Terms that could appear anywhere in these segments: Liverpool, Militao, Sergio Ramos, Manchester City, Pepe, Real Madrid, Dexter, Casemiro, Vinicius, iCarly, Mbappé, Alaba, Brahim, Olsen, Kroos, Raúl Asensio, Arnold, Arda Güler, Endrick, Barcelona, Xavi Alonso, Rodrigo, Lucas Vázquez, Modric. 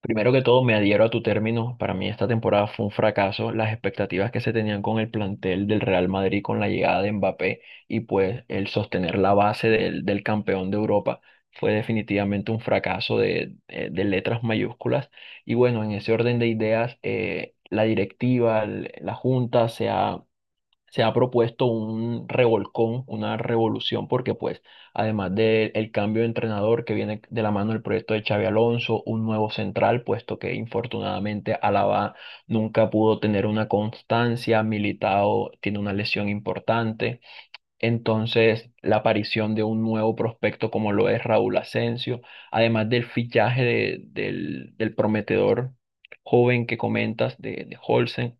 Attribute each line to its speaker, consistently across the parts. Speaker 1: Primero que todo, me adhiero a tu término. Para mí esta temporada fue un fracaso. Las expectativas que se tenían con el plantel del Real Madrid con la llegada de Mbappé y pues el sostener la base del campeón de Europa fue definitivamente un fracaso de letras mayúsculas. Y bueno, en ese orden de ideas, la directiva, la junta se ha propuesto un revolcón, una revolución, porque pues además del cambio de entrenador que viene de la mano del proyecto de Xavi Alonso, un nuevo central, puesto que infortunadamente Alaba nunca pudo tener una constancia, Militao tiene una lesión importante, entonces la aparición de un nuevo prospecto como lo es Raúl Asensio, además del fichaje del prometedor joven que comentas de Olsen,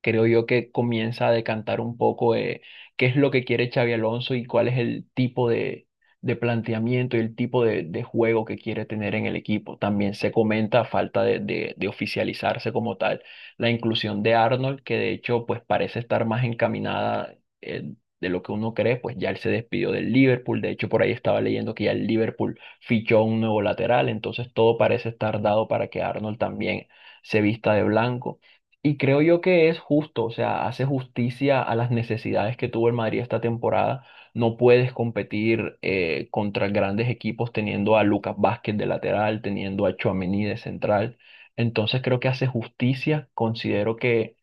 Speaker 1: creo yo que comienza a decantar un poco, qué es lo que quiere Xavi Alonso y cuál es el tipo de planteamiento y el tipo de juego que quiere tener en el equipo. También se comenta, a falta de oficializarse como tal, la inclusión de Arnold, que de hecho pues parece estar más encaminada, eh, de lo que uno cree, pues ya él se despidió del Liverpool, de hecho por ahí estaba leyendo que ya el Liverpool fichó un nuevo lateral, entonces todo parece estar dado para que Arnold también se vista de blanco. Y creo yo que es justo, o sea, hace justicia a las necesidades que tuvo el Madrid esta temporada. No puedes competir, contra grandes equipos teniendo a Lucas Vázquez de lateral, teniendo a Tchouaméni de central. Entonces creo que hace justicia. Considero que,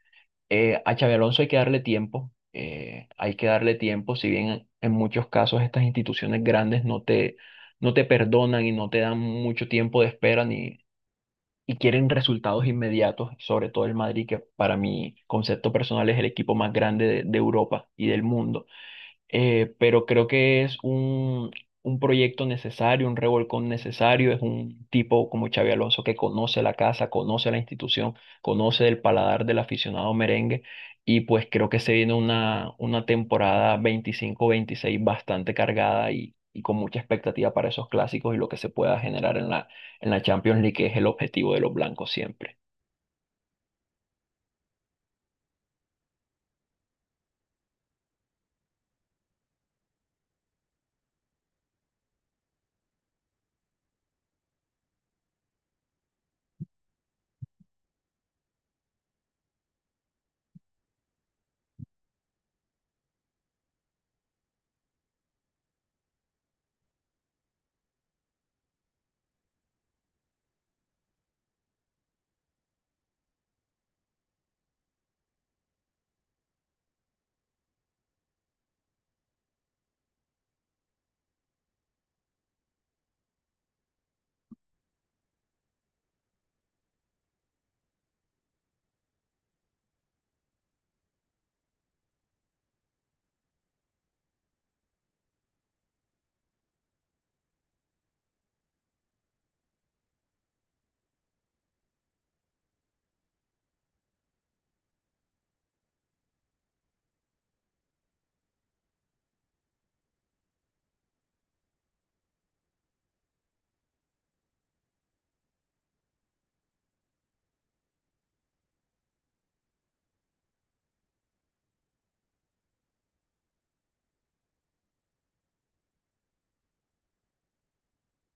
Speaker 1: a Xabi Alonso hay que darle tiempo. Hay que darle tiempo, si bien en muchos casos estas instituciones grandes no te perdonan y no te dan mucho tiempo de espera y quieren resultados inmediatos, sobre todo el Madrid, que para mi concepto personal es el equipo más grande de Europa y del mundo. Pero creo que es un proyecto necesario, un revolcón necesario, es un tipo como Xavi Alonso que conoce la casa, conoce la institución, conoce el paladar del aficionado merengue y pues creo que se viene una temporada 25-26 bastante cargada y con mucha expectativa para esos clásicos y lo que se pueda generar en la Champions League, que es el objetivo de los blancos siempre.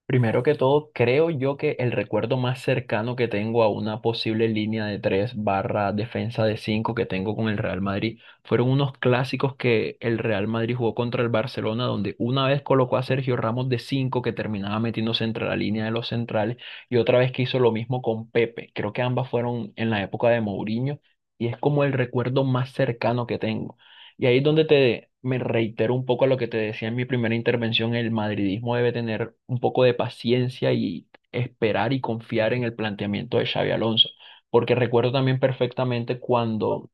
Speaker 1: Primero que todo, creo yo que el recuerdo más cercano que tengo a una posible línea de 3 barra defensa de 5 que tengo con el Real Madrid fueron unos clásicos que el Real Madrid jugó contra el Barcelona, donde una vez colocó a Sergio Ramos de 5 que terminaba metiéndose entre la línea de los centrales y otra vez que hizo lo mismo con Pepe. Creo que ambas fueron en la época de Mourinho y es como el recuerdo más cercano que tengo. Y ahí es donde me reitero un poco a lo que te decía en mi primera intervención: el madridismo debe tener un poco de paciencia y esperar y confiar en el planteamiento de Xavi Alonso, porque recuerdo también perfectamente cuando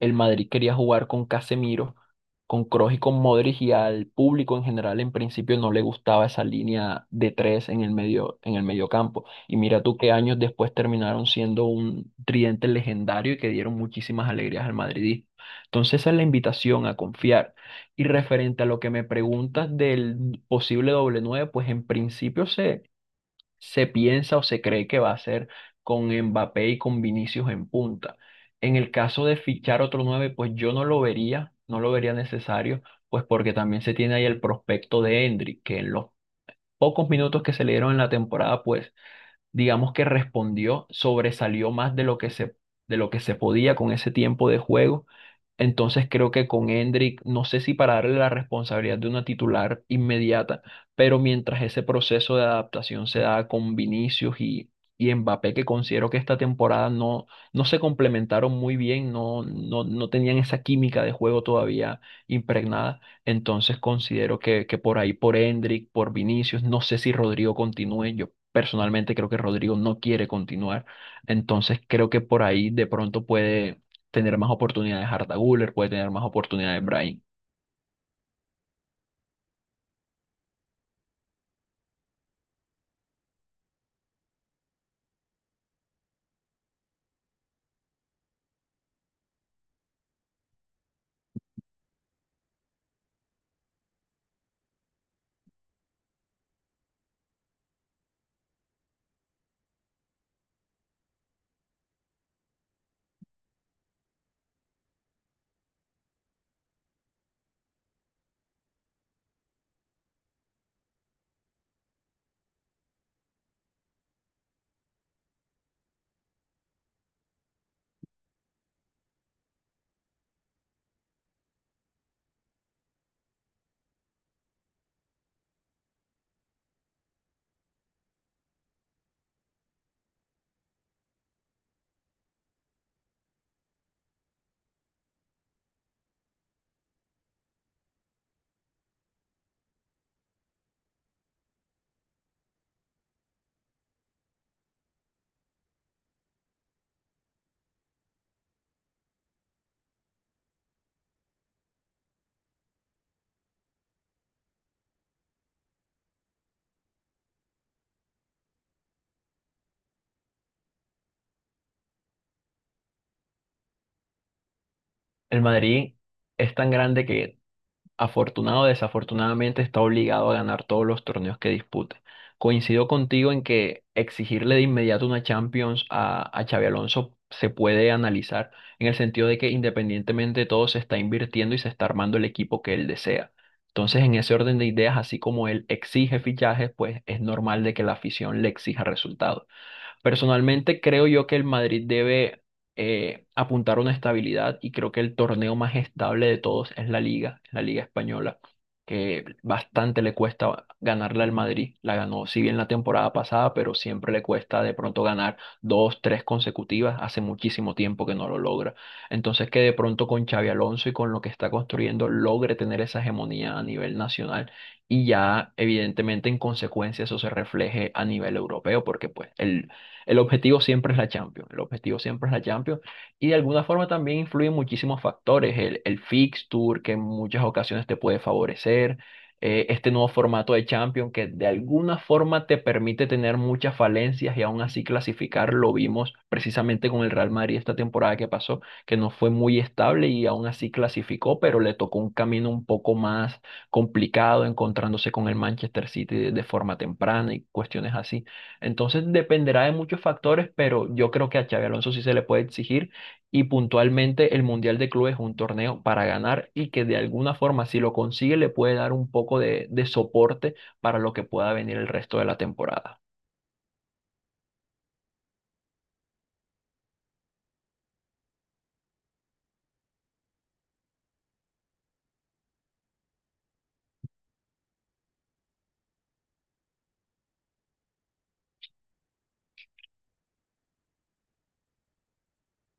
Speaker 1: el Madrid quería jugar con Casemiro, con Kroos y con Modric y al público en general en principio no le gustaba esa línea de tres en el medio campo. Y mira tú qué años después terminaron siendo un tridente legendario y que dieron muchísimas alegrías al madridismo. Entonces esa es la invitación a confiar. Y referente a lo que me preguntas del posible doble nueve, pues en principio se piensa o se cree que va a ser con Mbappé y con Vinicius en punta. En el caso de fichar otro 9, pues yo no lo vería necesario, pues porque también se tiene ahí el prospecto de Endrick, que en los pocos minutos que se le dieron en la temporada, pues digamos que respondió, sobresalió más de lo que se podía con ese tiempo de juego. Entonces creo que con Hendrick, no sé si para darle la responsabilidad de una titular inmediata, pero mientras ese proceso de adaptación se da con Vinicius y Mbappé, que considero que esta temporada no se complementaron muy bien, no tenían esa química de juego todavía impregnada. Entonces considero que por ahí, por Hendrick, por Vinicius, no sé si Rodrigo continúe, yo personalmente creo que Rodrigo no quiere continuar. Entonces creo que por ahí de pronto puede tener más oportunidades Arda Güler, puede tener más oportunidades Brahim. El Madrid es tan grande que afortunado o desafortunadamente está obligado a ganar todos los torneos que dispute. Coincido contigo en que exigirle de inmediato una Champions a Xabi Alonso se puede analizar en el sentido de que independientemente de todo se está invirtiendo y se está armando el equipo que él desea. Entonces, en ese orden de ideas, así como él exige fichajes, pues es normal de que la afición le exija resultados. Personalmente creo yo que el Madrid debe, apuntar a una estabilidad y creo que el torneo más estable de todos es la Liga Española, que bastante le cuesta ganarla al Madrid. La ganó, si bien la temporada pasada, pero siempre le cuesta de pronto ganar dos, tres consecutivas. Hace muchísimo tiempo que no lo logra. Entonces que de pronto con Xavi Alonso y con lo que está construyendo logre tener esa hegemonía a nivel nacional y ya evidentemente en consecuencia eso se refleje a nivel europeo, porque pues el objetivo siempre es la Champions, el objetivo siempre es la Champions, y de alguna forma también influyen muchísimos factores, el fixture que en muchas ocasiones te puede favorecer. Este nuevo formato de Champions que de alguna forma te permite tener muchas falencias y aún así clasificar, lo vimos precisamente con el Real Madrid esta temporada que pasó, que no fue muy estable y aún así clasificó, pero le tocó un camino un poco más complicado encontrándose con el Manchester City de forma temprana y cuestiones así. Entonces dependerá de muchos factores, pero yo creo que a Xabi Alonso sí se le puede exigir y puntualmente el Mundial de Clubes es un torneo para ganar y que de alguna forma si lo consigue le puede dar un poco de soporte para lo que pueda venir el resto de la temporada.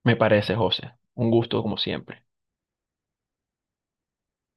Speaker 1: Me parece, José. Un gusto como siempre.